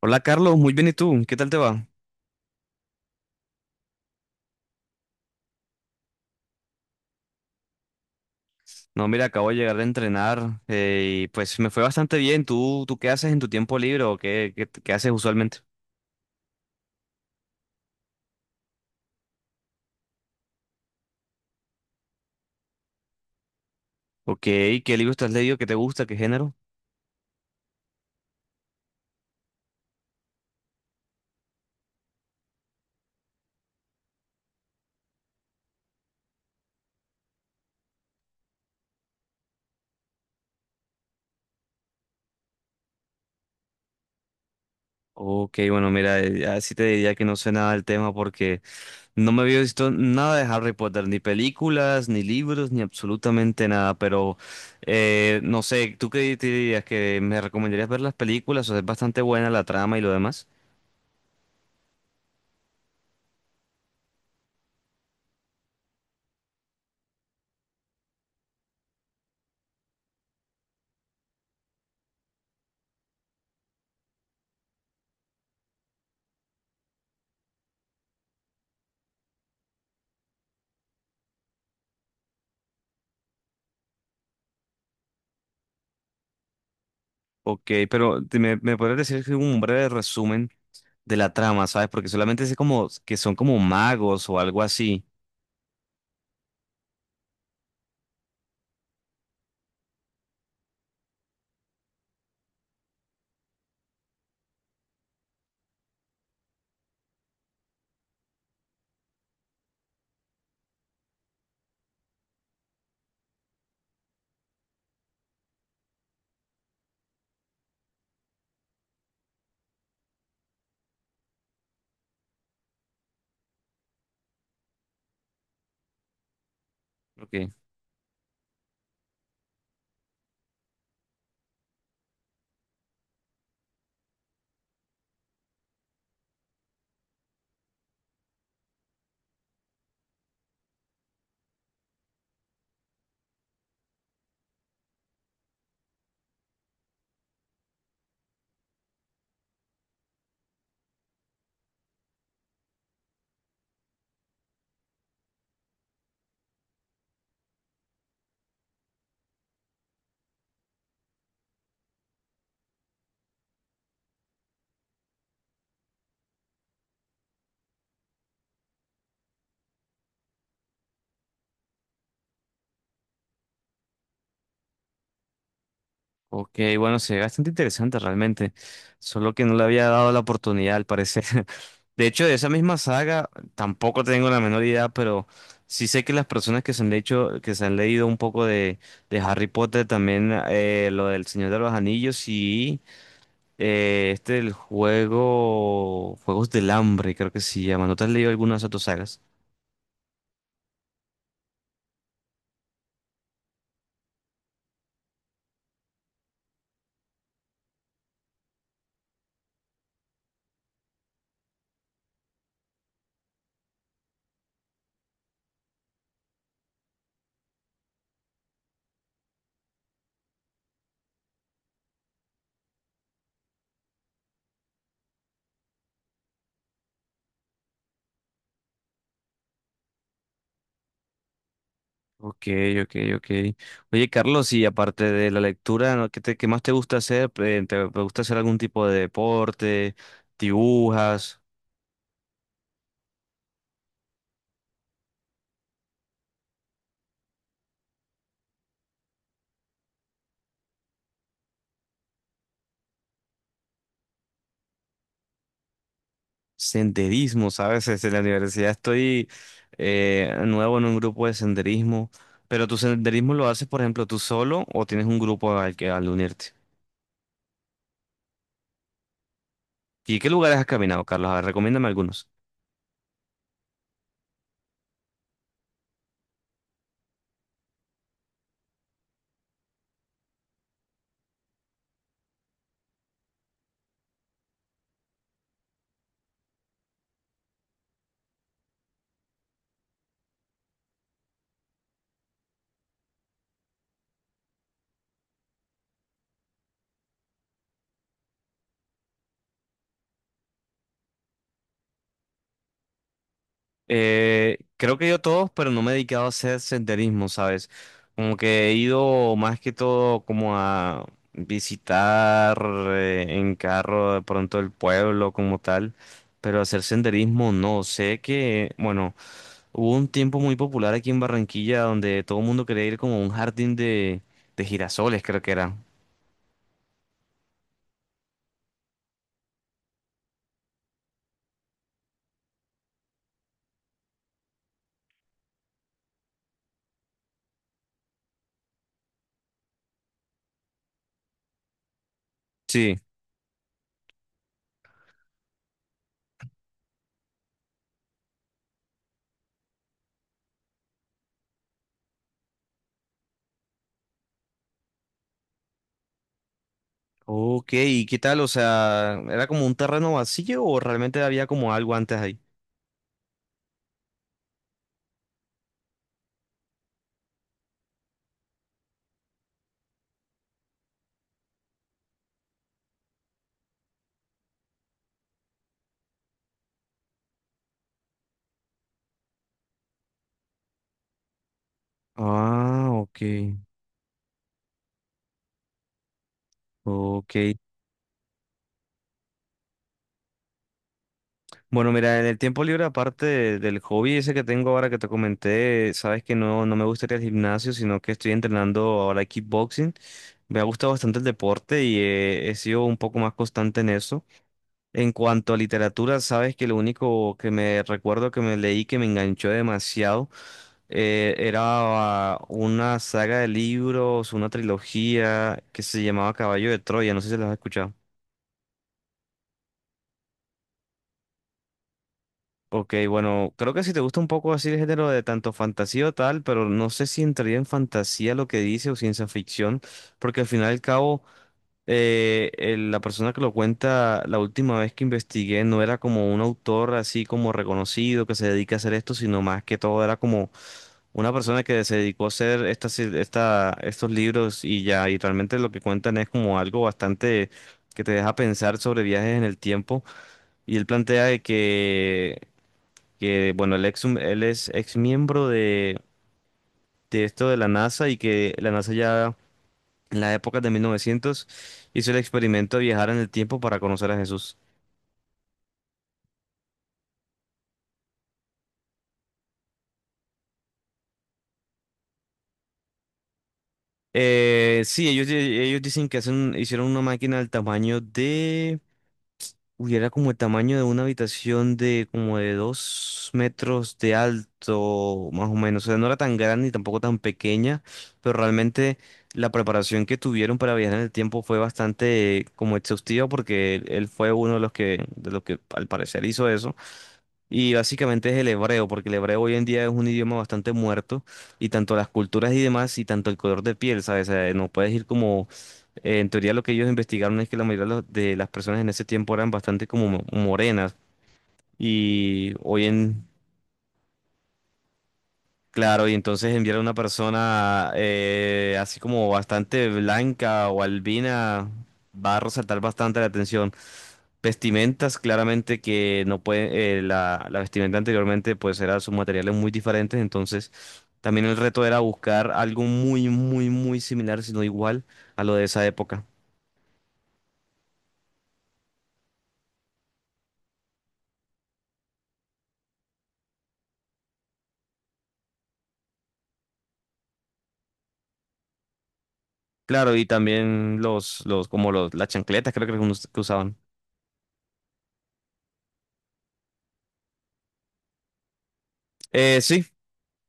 Hola Carlos, muy bien, ¿y tú? ¿Qué tal te va? No, mira, acabo de llegar de entrenar y pues me fue bastante bien. ¿Tú qué haces en tu tiempo libre o qué haces usualmente? Ok, ¿qué libros te has leído? ¿Qué te gusta? ¿Qué género? Ok, bueno, mira, así te diría que no sé nada del tema porque no me había visto nada de Harry Potter, ni películas, ni libros, ni absolutamente nada, pero no sé, ¿tú qué te dirías? ¿Que me recomendarías ver las películas? O sea, es bastante buena la trama y lo demás. Ok, pero me podrías decir que un breve resumen de la trama, ¿sabes? Porque solamente sé como que son como magos o algo así. Ok, ok, bueno, se ve bastante interesante realmente. Solo que no le había dado la oportunidad, al parecer. De hecho, de esa misma saga tampoco tengo la menor idea, pero sí sé que las personas que se han hecho, que se han leído un poco de Harry Potter, también lo del Señor de los Anillos, sí. Este el juego. Juegos del Hambre, creo que se llama. ¿No te has leído algunas de tus sagas? Ok, ok, ok. Oye, Carlos, y aparte de la lectura, ¿no? ¿qué más te gusta hacer? ¿Te gusta hacer algún tipo de deporte? ¿Dibujas? Senderismo, ¿sabes? En la universidad estoy nuevo en un grupo de senderismo. ¿Pero tu senderismo lo haces, por ejemplo, tú solo o tienes un grupo al que al unirte? ¿Y qué lugares has caminado, Carlos? A ver, recomiéndame algunos. Creo que yo todos, pero no me he dedicado a hacer senderismo, ¿sabes? Como que he ido más que todo como a visitar en carro de pronto el pueblo como tal, pero hacer senderismo no. Sé que, bueno, hubo un tiempo muy popular aquí en Barranquilla donde todo el mundo quería ir como a un jardín de girasoles, creo que era. Sí. Ok, ¿y qué tal? O sea, ¿era como un terreno vacío o realmente había como algo antes ahí? Ah, ok. Ok. Bueno, mira, en el tiempo libre, aparte del hobby ese que tengo ahora que te comenté, sabes que no me gustaría el gimnasio, sino que estoy entrenando ahora kickboxing. Me ha gustado bastante el deporte y he sido un poco más constante en eso. En cuanto a literatura, sabes que lo único que me recuerdo que me leí que me enganchó demasiado era una saga de libros, una trilogía que se llamaba Caballo de Troya, no sé si las has escuchado. Ok, bueno, creo que si te gusta un poco así el género de tanto fantasía o tal, pero no sé si entraría en fantasía lo que dice o ciencia ficción, porque al final y al cabo, la persona que lo cuenta la última vez que investigué no era como un autor así como reconocido que se dedica a hacer esto, sino más que todo era como una persona que se dedicó a hacer estos libros y ya, y realmente lo que cuentan es como algo bastante que te deja pensar sobre viajes en el tiempo. Y él plantea de que bueno, él es ex miembro de esto de la NASA y que la NASA ya en las épocas de 1900 hizo el experimento de viajar en el tiempo para conocer a Jesús. Sí, ellos, ellos dicen que hicieron una máquina del tamaño de. Uy, era como el tamaño de una habitación de como de dos metros de alto, más o menos. O sea, no era tan grande ni tampoco tan pequeña, pero realmente la preparación que tuvieron para viajar en el tiempo fue bastante como exhaustiva porque él fue uno de los que al parecer hizo eso. Y básicamente es el hebreo, porque el hebreo hoy en día es un idioma bastante muerto, y tanto las culturas y demás, y tanto el color de piel, ¿sabes? O sea, no puedes ir como en teoría lo que ellos investigaron es que la mayoría de las personas en ese tiempo eran bastante como morenas, y hoy en. Claro, y entonces enviar a una persona así como bastante blanca o albina va a resaltar bastante la atención. Vestimentas, claramente que no puede, la vestimenta anteriormente pues era sus materiales muy diferentes, entonces también el reto era buscar algo muy, muy, muy similar, si no igual a lo de esa época. Claro, y también las chancletas creo que, algunos que usaban. Eh, sí,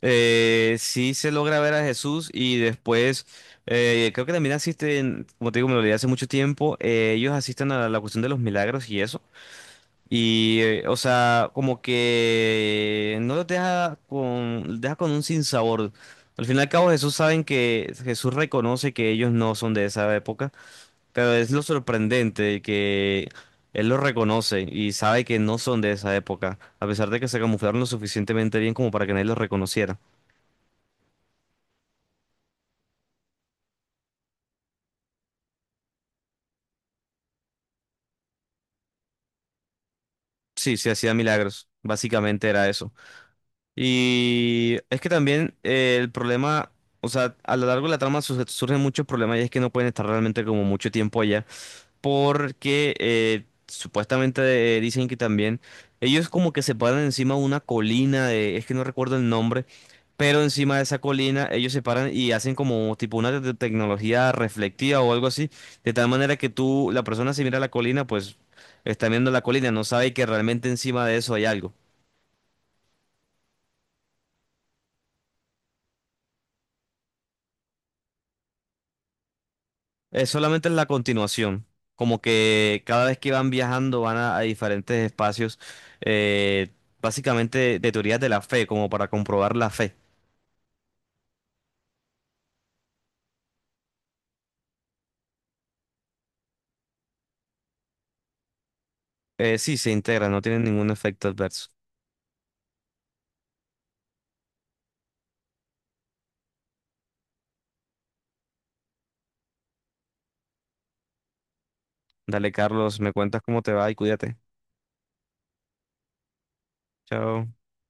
eh, sí se logra ver a Jesús y después creo que también asisten, como te digo, me lo leí hace mucho tiempo, ellos asisten a la cuestión de los milagros y eso. Y, o sea, como que no los deja con un sinsabor. Al fin y al cabo, Jesús saben que Jesús reconoce que ellos no son de esa época, pero es lo sorprendente que él los reconoce y sabe que no son de esa época, a pesar de que se camuflaron lo suficientemente bien como para que nadie los reconociera. Sí, sí hacía milagros. Básicamente era eso. Y es que también el problema, o sea, a lo largo de la trama surgen muchos problemas y es que no pueden estar realmente como mucho tiempo allá porque supuestamente dicen que también ellos como que se paran encima de una colina, es que no recuerdo el nombre, pero encima de esa colina ellos se paran y hacen como tipo una tecnología reflectiva o algo así, de tal manera que tú, la persona si mira la colina, pues está viendo la colina, no sabe que realmente encima de eso hay algo. Es solamente es la continuación. Como que cada vez que van viajando van a, diferentes espacios, eh, básicamente de teorías de la fe, como para comprobar la fe. Sí, se integra, no tiene ningún efecto adverso. Dale, Carlos, me cuentas cómo te va y cuídate. Chao.